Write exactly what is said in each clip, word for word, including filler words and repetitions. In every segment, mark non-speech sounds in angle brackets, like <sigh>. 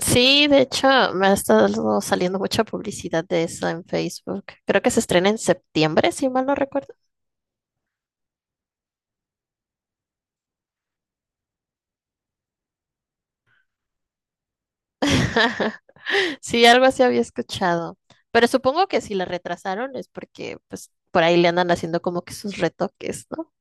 Sí, de hecho, me ha estado saliendo mucha publicidad de eso en Facebook. Creo que se estrena en septiembre, si mal no recuerdo. <laughs> Sí, algo así había escuchado. Pero supongo que si la retrasaron es porque, pues, por ahí le andan haciendo como que sus retoques, ¿no?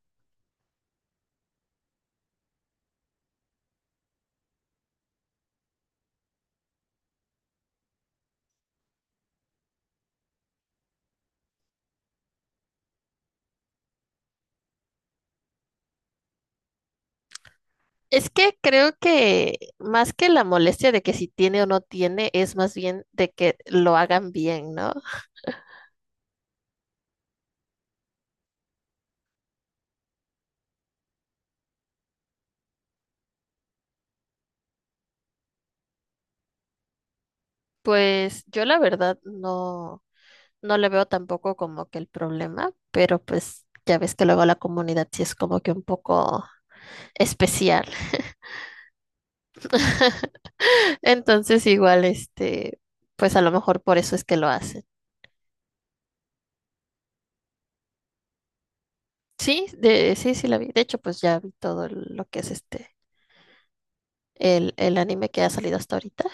Es que creo que más que la molestia de que si tiene o no tiene, es más bien de que lo hagan bien, ¿no? Pues yo la verdad no. No le veo tampoco como que el problema, pero pues ya ves que luego la comunidad sí es como que un poco especial. <laughs> Entonces igual, este, pues a lo mejor por eso es que lo hacen. Sí, de, sí, sí la vi. De hecho, pues ya vi todo el- lo que es este, el, el anime que ha salido hasta ahorita.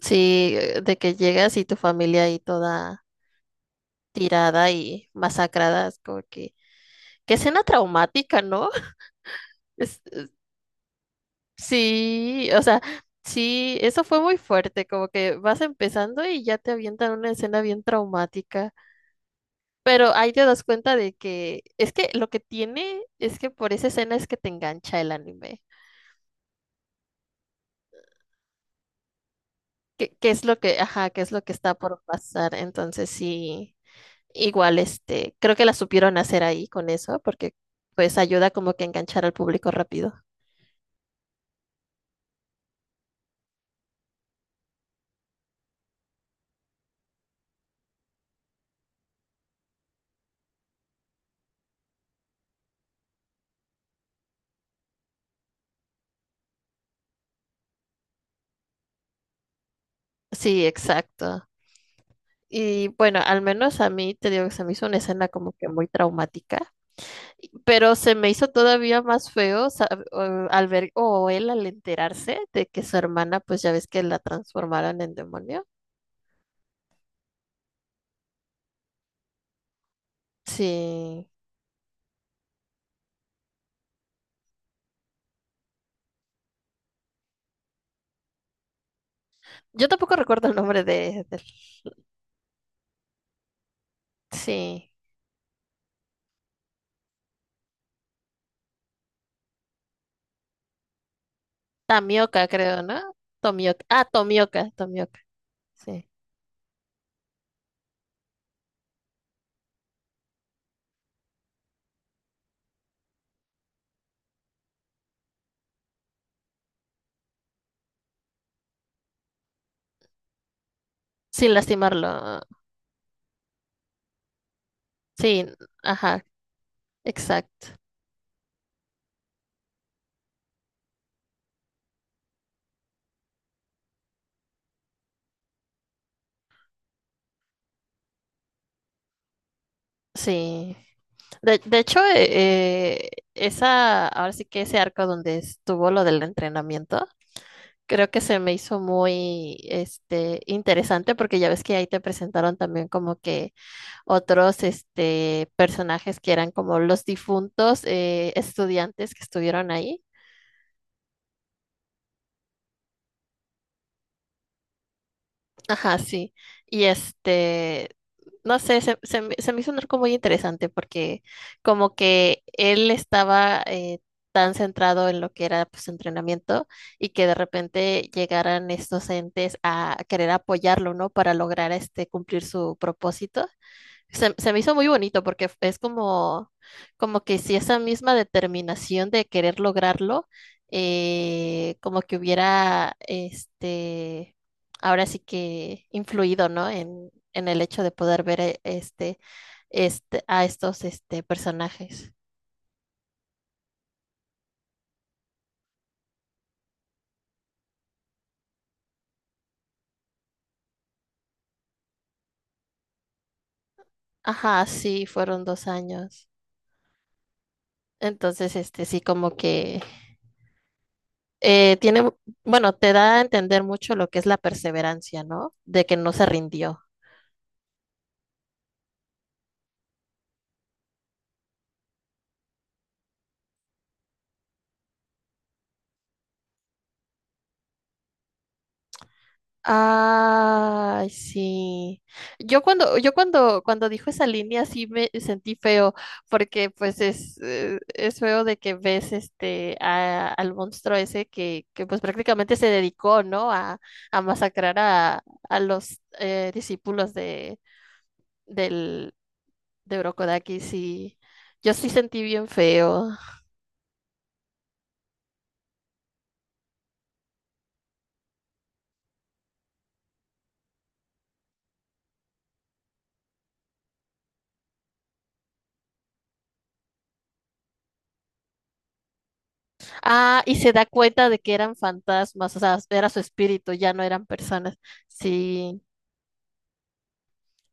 Sí, eh, de que llegas y tu familia ahí toda tirada y masacrada, es como que, qué escena traumática, ¿no? <laughs> Es- Sí, o sea, sí, eso fue muy fuerte, como que vas empezando y ya te avientan una escena bien traumática, pero ahí te das cuenta de que es que lo que tiene es que por esa escena es que te engancha el anime, que, que es lo que, ajá, que es lo que está por pasar, entonces sí, igual este, creo que la supieron hacer ahí con eso, porque pues ayuda como que a enganchar al público rápido. Sí, exacto. Y bueno, al menos a mí te digo que se me hizo una escena como que muy traumática, y- pero se me hizo todavía más feo sa- o- al ver o él al enterarse de que su hermana, pues ya ves que la transformaron en demonio. Sí. Yo tampoco recuerdo el nombre de, de- él. Sí. Tamioka, creo, ¿no? Tomioka. Ah, Tomioka, Tomioka, sí. Sin lastimarlo. Sí, ajá, exacto. Sí. De, de hecho, eh, eh, esa, ahora sí que ese arco donde estuvo lo del entrenamiento, creo que se me hizo muy, este, interesante porque ya ves que ahí te presentaron también como que otros, este, personajes que eran como los difuntos eh, estudiantes que estuvieron ahí. Ajá, sí. Y este, no sé, se, se me se me hizo un arco muy interesante porque como que él estaba eh, tan centrado en lo que era pues, su entrenamiento y que de repente llegaran estos entes a querer apoyarlo, ¿no? Para lograr este cumplir su propósito. Se, se me hizo muy bonito porque es como, como que si esa misma determinación de querer lograrlo, eh, como que hubiera, este, ahora sí que influido, ¿no? En, en el hecho de poder ver eh, este, este, a estos, este, personajes. Ajá, sí, fueron dos años. Entonces, este, sí, como que eh, tiene, bueno, te da a entender mucho lo que es la perseverancia, ¿no? De que no se rindió. Ay, sí. Yo cuando, yo cuando, cuando dijo esa línea sí me sentí feo, porque pues es, eh, es feo de que ves este a- al monstruo ese que, que pues prácticamente se dedicó, ¿no? A, a masacrar a, a los eh, discípulos de, del, de Urokodaki, sí. Yo sí sentí bien feo. Ah, y se da cuenta de que eran fantasmas, o sea, era su espíritu, ya no eran personas. Sí.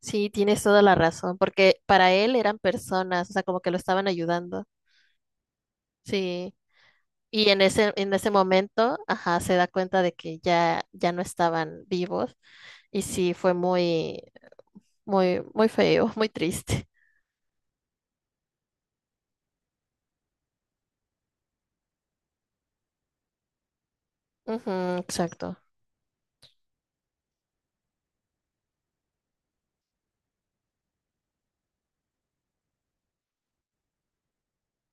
Sí, tienes toda la razón, porque para él eran personas, o sea, como que lo estaban ayudando. Sí. Y en ese, en ese momento, ajá, se da cuenta de que ya, ya no estaban vivos. Y sí, fue muy, muy, muy feo, <laughs> muy triste. Ujú, exacto.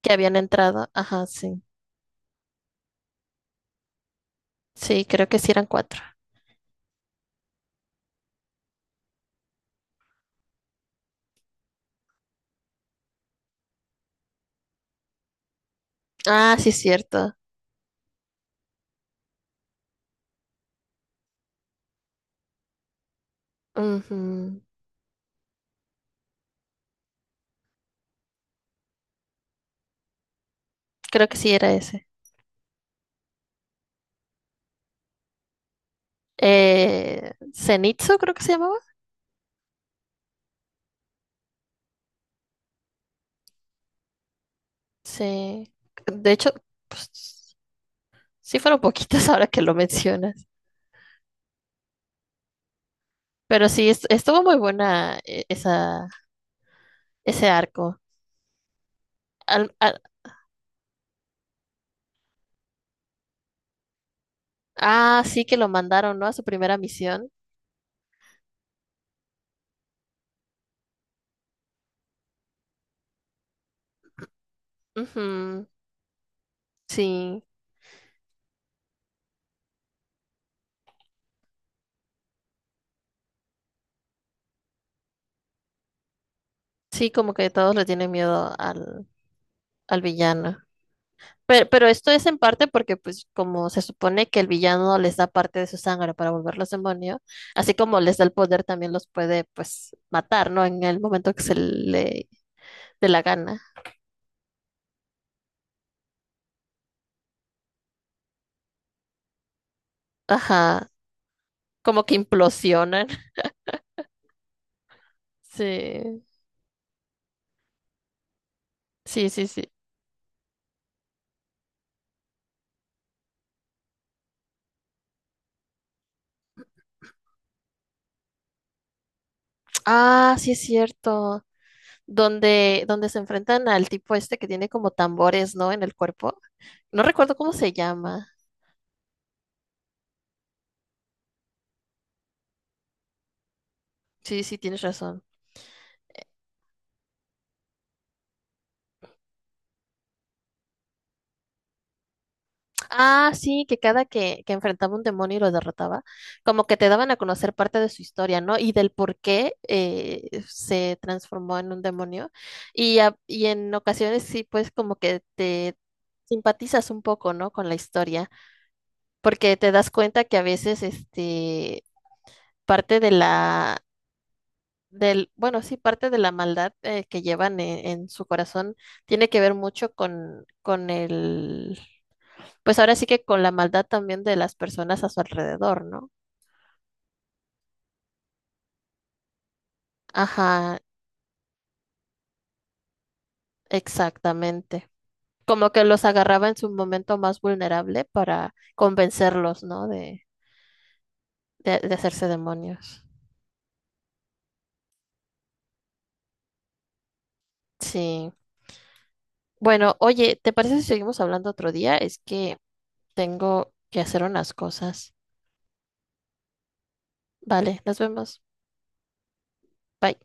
Que habían entrado, ajá, sí. Sí, creo que sí eran cuatro. Ah, sí, cierto. Ujú, Creo que sí era ese. Eh, Zenitsu, creo que se llamaba. Sí. De hecho, pues, Sí fueron poquitas <laughs> ahora que lo mencionas, pero sí, es- estuvo muy buena eh, esa, ese arco. Al- al- ah, sí que lo mandaron, ¿no? A su primera misión. Ujú, Sí, sí, como que todos le tienen miedo al, al villano. Pero, pero esto es en parte porque, pues, como se supone que el villano les da parte de su sangre para volverlos demonio, así como les da el poder, también los puede, pues, matar, ¿no? En el momento que se le dé la gana. Ajá, como que implosionan. <laughs> Sí. Sí, sí, sí. Ah, sí es cierto. Donde, donde se enfrentan al tipo este que tiene como tambores, ¿no? En el cuerpo. No recuerdo cómo se llama. Sí, sí, tienes razón. Ah, sí, que cada que, que enfrentaba un demonio y lo derrotaba, como que te daban a conocer parte de su historia, ¿no? Y del por qué eh, se transformó en un demonio. Y, a- y en ocasiones sí, pues como que te simpatizas un poco, ¿no? Con la historia, porque te das cuenta que a veces, este parte de la del, bueno, sí, parte de la maldad eh, que llevan en, en su corazón tiene que ver mucho con, con el, pues ahora sí que con la maldad también de las personas a su alrededor, ¿no? Ajá, exactamente. Como que los agarraba en su momento más vulnerable para convencerlos, ¿no? De, de, de hacerse demonios. Sí. Bueno, oye, ¿te parece si seguimos hablando otro día? Es que tengo que hacer unas cosas. Vale, nos vemos. Bye.